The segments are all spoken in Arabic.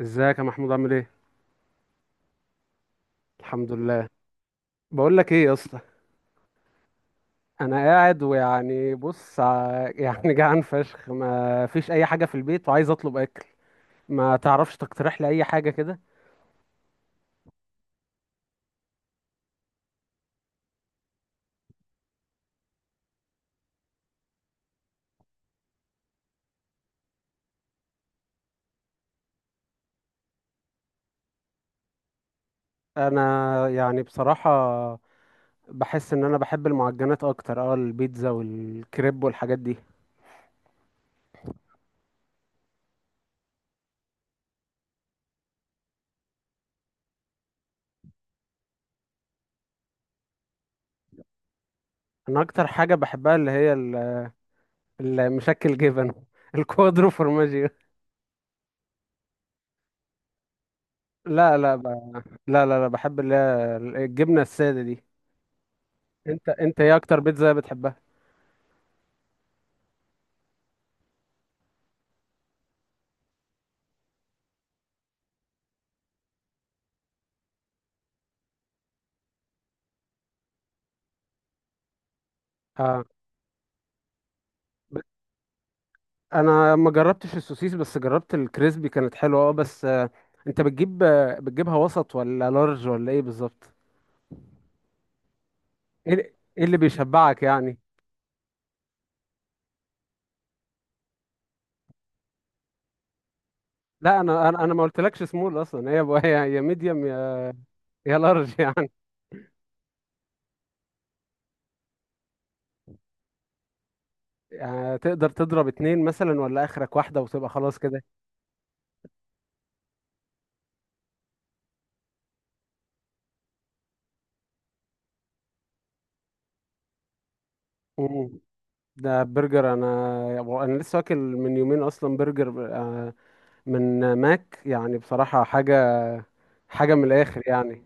ازيك يا محمود؟ عامل ايه؟ الحمد لله. بقول لك ايه يا اسطى، انا قاعد يعني جعان فشخ، ما فيش اي حاجه في البيت وعايز اطلب اكل. ما تعرفش تقترح لي اي حاجه كده؟ انا بصراحه بحس ان انا بحب المعجنات اكتر، اه البيتزا والكريب والحاجات دي. انا اكتر حاجه بحبها المشكل جبن الكوادرو فورماجيو. لا لا ب- لا، بحب اللي هي الجبنه الساده دي. انت ايه اكتر بيتزا بتحبها؟ اه، انا ما جربتش السوسيس بس جربت الكريسبي كانت حلوه، اه بس انت بتجيبها وسط ولا لارج ولا ايه بالظبط؟ ايه ال- إيه اللي بيشبعك يعني؟ لا انا ما قلتلكش سمول اصلا، هي يا ميديوم يا يا لارج يعني. يعني تقدر تضرب اتنين مثلا ولا اخرك واحده وتبقى خلاص كده؟ مم. ده برجر، انا لسه واكل من يومين اصلا برجر من ماك، يعني بصراحه حاجه من الاخر يعني.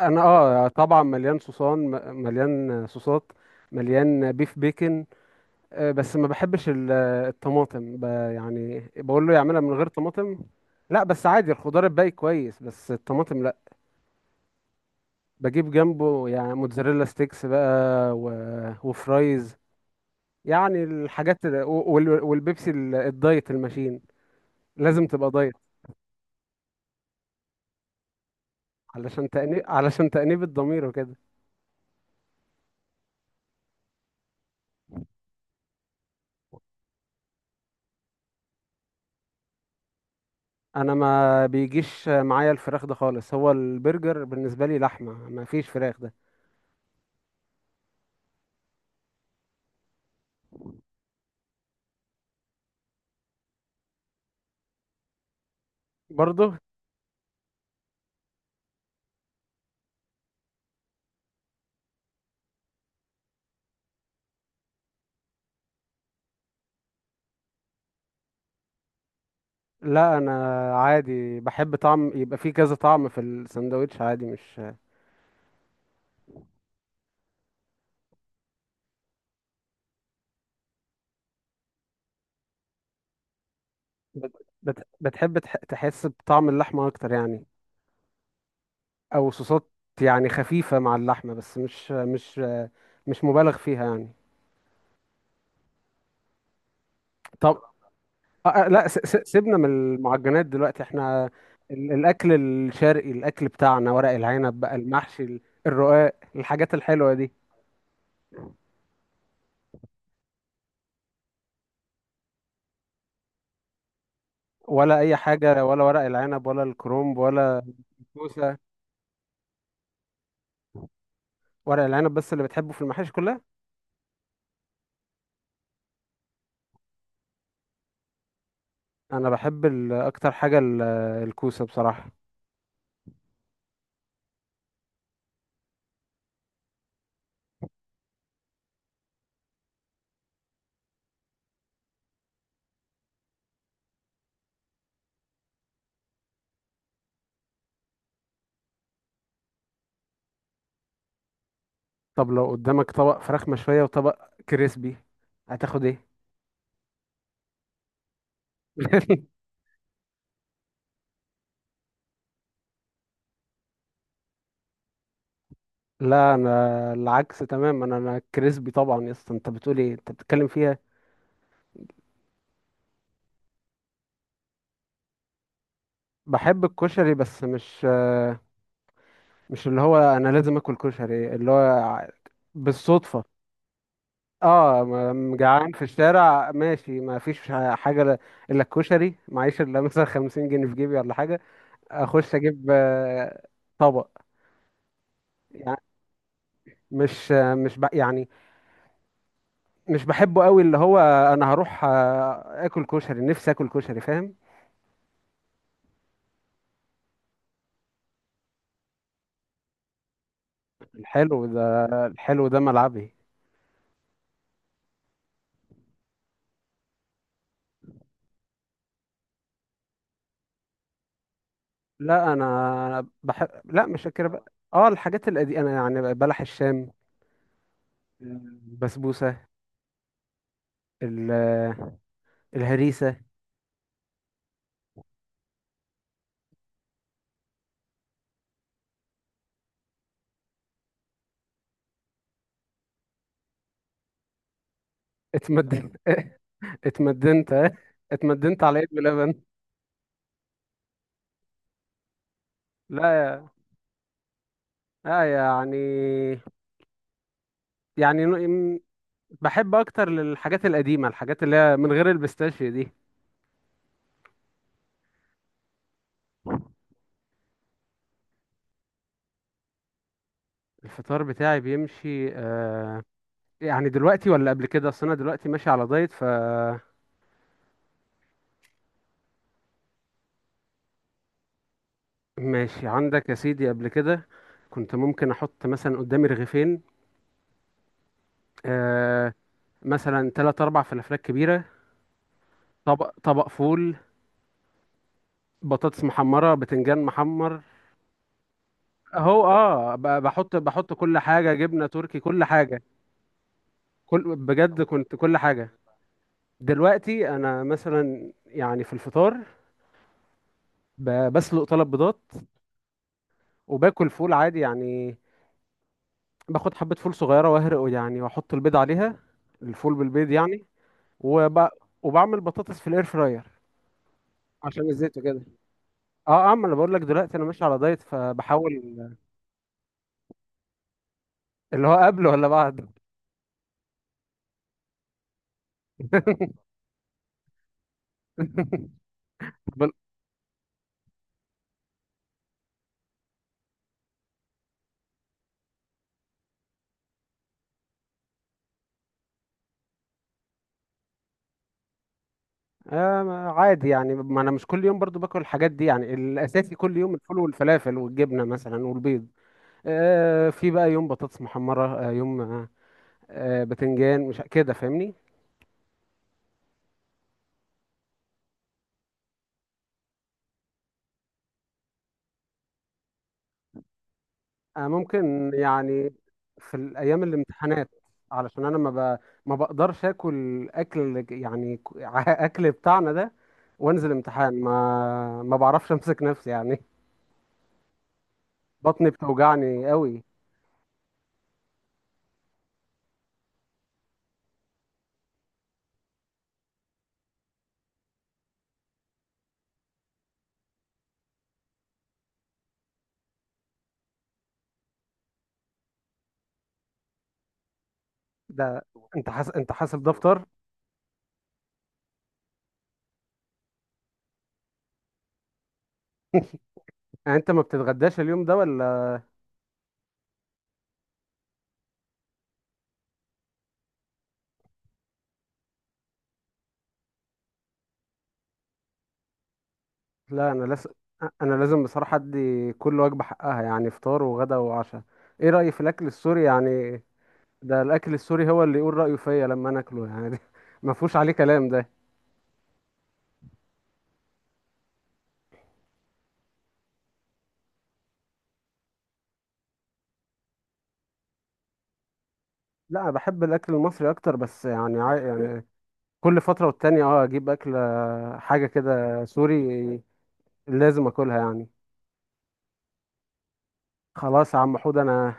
انا اه طبعا مليان مليان صوصات، مليان بيف بيكن، بس ما بحبش الطماطم، يعني بقول له يعملها من غير طماطم. لا بس عادي الخضار الباقي كويس، بس الطماطم لا. بجيب جنبه يعني موتزاريلا ستيكس بقى وفرايز، يعني الحاجات والبيبسي الدايت الماشين، لازم تبقى دايت. علشان تأنيب الضمير وكده. انا ما بيجيش معايا الفراخ ده خالص، هو البرجر بالنسبه لي لحمه، ما فيش فراخ ده. برضه لا، انا عادي بحب طعم، يبقى فيه كذا طعم في الساندوتش عادي، مش بت بت تحس بطعم اللحمه اكتر يعني؟ او صوصات يعني خفيفه مع اللحمه بس مش مبالغ فيها يعني. طب، لا، سيبنا من المعجنات دلوقتي احنا. الاكل الشرقي، الاكل بتاعنا، ورق العنب بقى، المحشي، الرقاق، الحاجات الحلوه دي. ولا اي حاجه، ولا ورق العنب، ولا الكرومب، ولا الكوسه؟ ورق العنب بس اللي بتحبه في المحاشي كلها؟ انا بحب اكتر حاجه الكوسه بصراحه. طب لو قدامك طبق فراخ مشويه وطبق كريسبي، هتاخد ايه؟ لا انا العكس تمام، انا كريسبي طبعا يا اسطى، انت بتقول ايه؟ انت بتتكلم فيها. بحب الكشري بس مش اللي هو انا لازم اكل كشري، اللي هو بالصدفه، اه، جعان في الشارع ماشي، ما فيش حاجه ل- الا الكشري، معيش الا مثلا 50 جنيه في جيبي ولا حاجه، اخش اجيب طبق. يعني مش يعني مش بحبه قوي، اللي هو انا هروح اكل كشري، نفسي اكل كشري فاهم. الحلو ده، الحلو ده ملعبي. لا، انا بحب، لا مش كده بقى، اه الحاجات القديمه انا، يعني بلح الشام، البسبوسه، ال- الهريسه. اتمدى اتمدنت اه، اتمدنت على ايد بلبن. لا يا لا يعني يعني نو- م- بحب اكتر للحاجات القديمه، الحاجات اللي هي من غير البيستاشيو دي. الفطار بتاعي بيمشي آه، يعني دلوقتي ولا قبل كده؟ اصل انا دلوقتي ماشي على دايت، ف ماشي عندك يا سيدي. قبل كده كنت ممكن احط مثلا قدامي رغيفين، آه، مثلا تلات اربع فلافلات كبيره، طبق فول، بطاطس محمره، بتنجان محمر، اهو اه، بحط كل حاجه، جبنه تركي، كل حاجه، كل بجد، كنت كل حاجه. دلوقتي انا مثلا يعني في الفطار، بسلق طلب بيضات، وباكل فول عادي يعني، باخد حبه فول صغيره واهرقه يعني، واحط البيض عليها، الفول بالبيض يعني، وب... وبعمل بطاطس في الاير فراير، عشان الزيت وكده. اه اه، ما انا بقول لك دلوقتي انا ماشي على دايت فبحاول. اللي هو قبل ولا بعد؟ آه، عادي يعني، ما انا مش كل يوم برضو باكل الحاجات دي يعني، الاساسي كل يوم الفول والفلافل والجبنه مثلا والبيض، آه في بقى يوم بطاطس محمره، آه يوم آه بتنجان، مش كده فاهمني؟ آه ممكن يعني، في الايام الامتحانات، علشان انا ب... ما بقدرش اكل، اكل يعني اكل بتاعنا ده وانزل امتحان، ما ما بعرفش امسك نفسي يعني، بطني بتوجعني قوي. ده انت حاسب دفتر؟ يعني انت ما بتتغداش اليوم ده ولا؟ لا انا لازم انا لازم بصراحه ادي كل وجبه حقها يعني، فطار وغدا وعشاء. ايه رايي في الاكل السوري يعني؟ ده الاكل السوري هو اللي يقول رايه فيا لما انا اكله يعني، ده ما فيهوش عليه كلام ده. لا انا بحب الاكل المصري اكتر، بس يعني يعني كل فتره والتانيه اه اجيب اكل، حاجه كده سوري، لازم اكلها يعني. خلاص يا عم حود،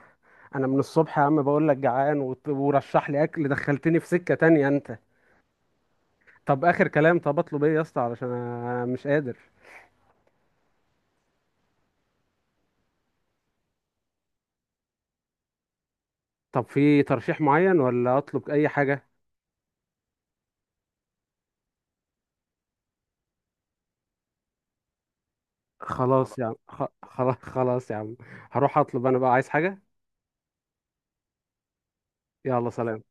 انا من الصبح يا عم بقول لك جعان ورشح لي اكل، دخلتني في سكه تانية انت. طب اخر كلام، طب اطلب ايه يا اسطى؟ علشان انا مش قادر. طب في ترشيح معين ولا اطلب اي حاجة؟ خلاص يا عم، خلاص خلاص يا عم، هروح اطلب، انا بقى عايز حاجة. يلا، سلام.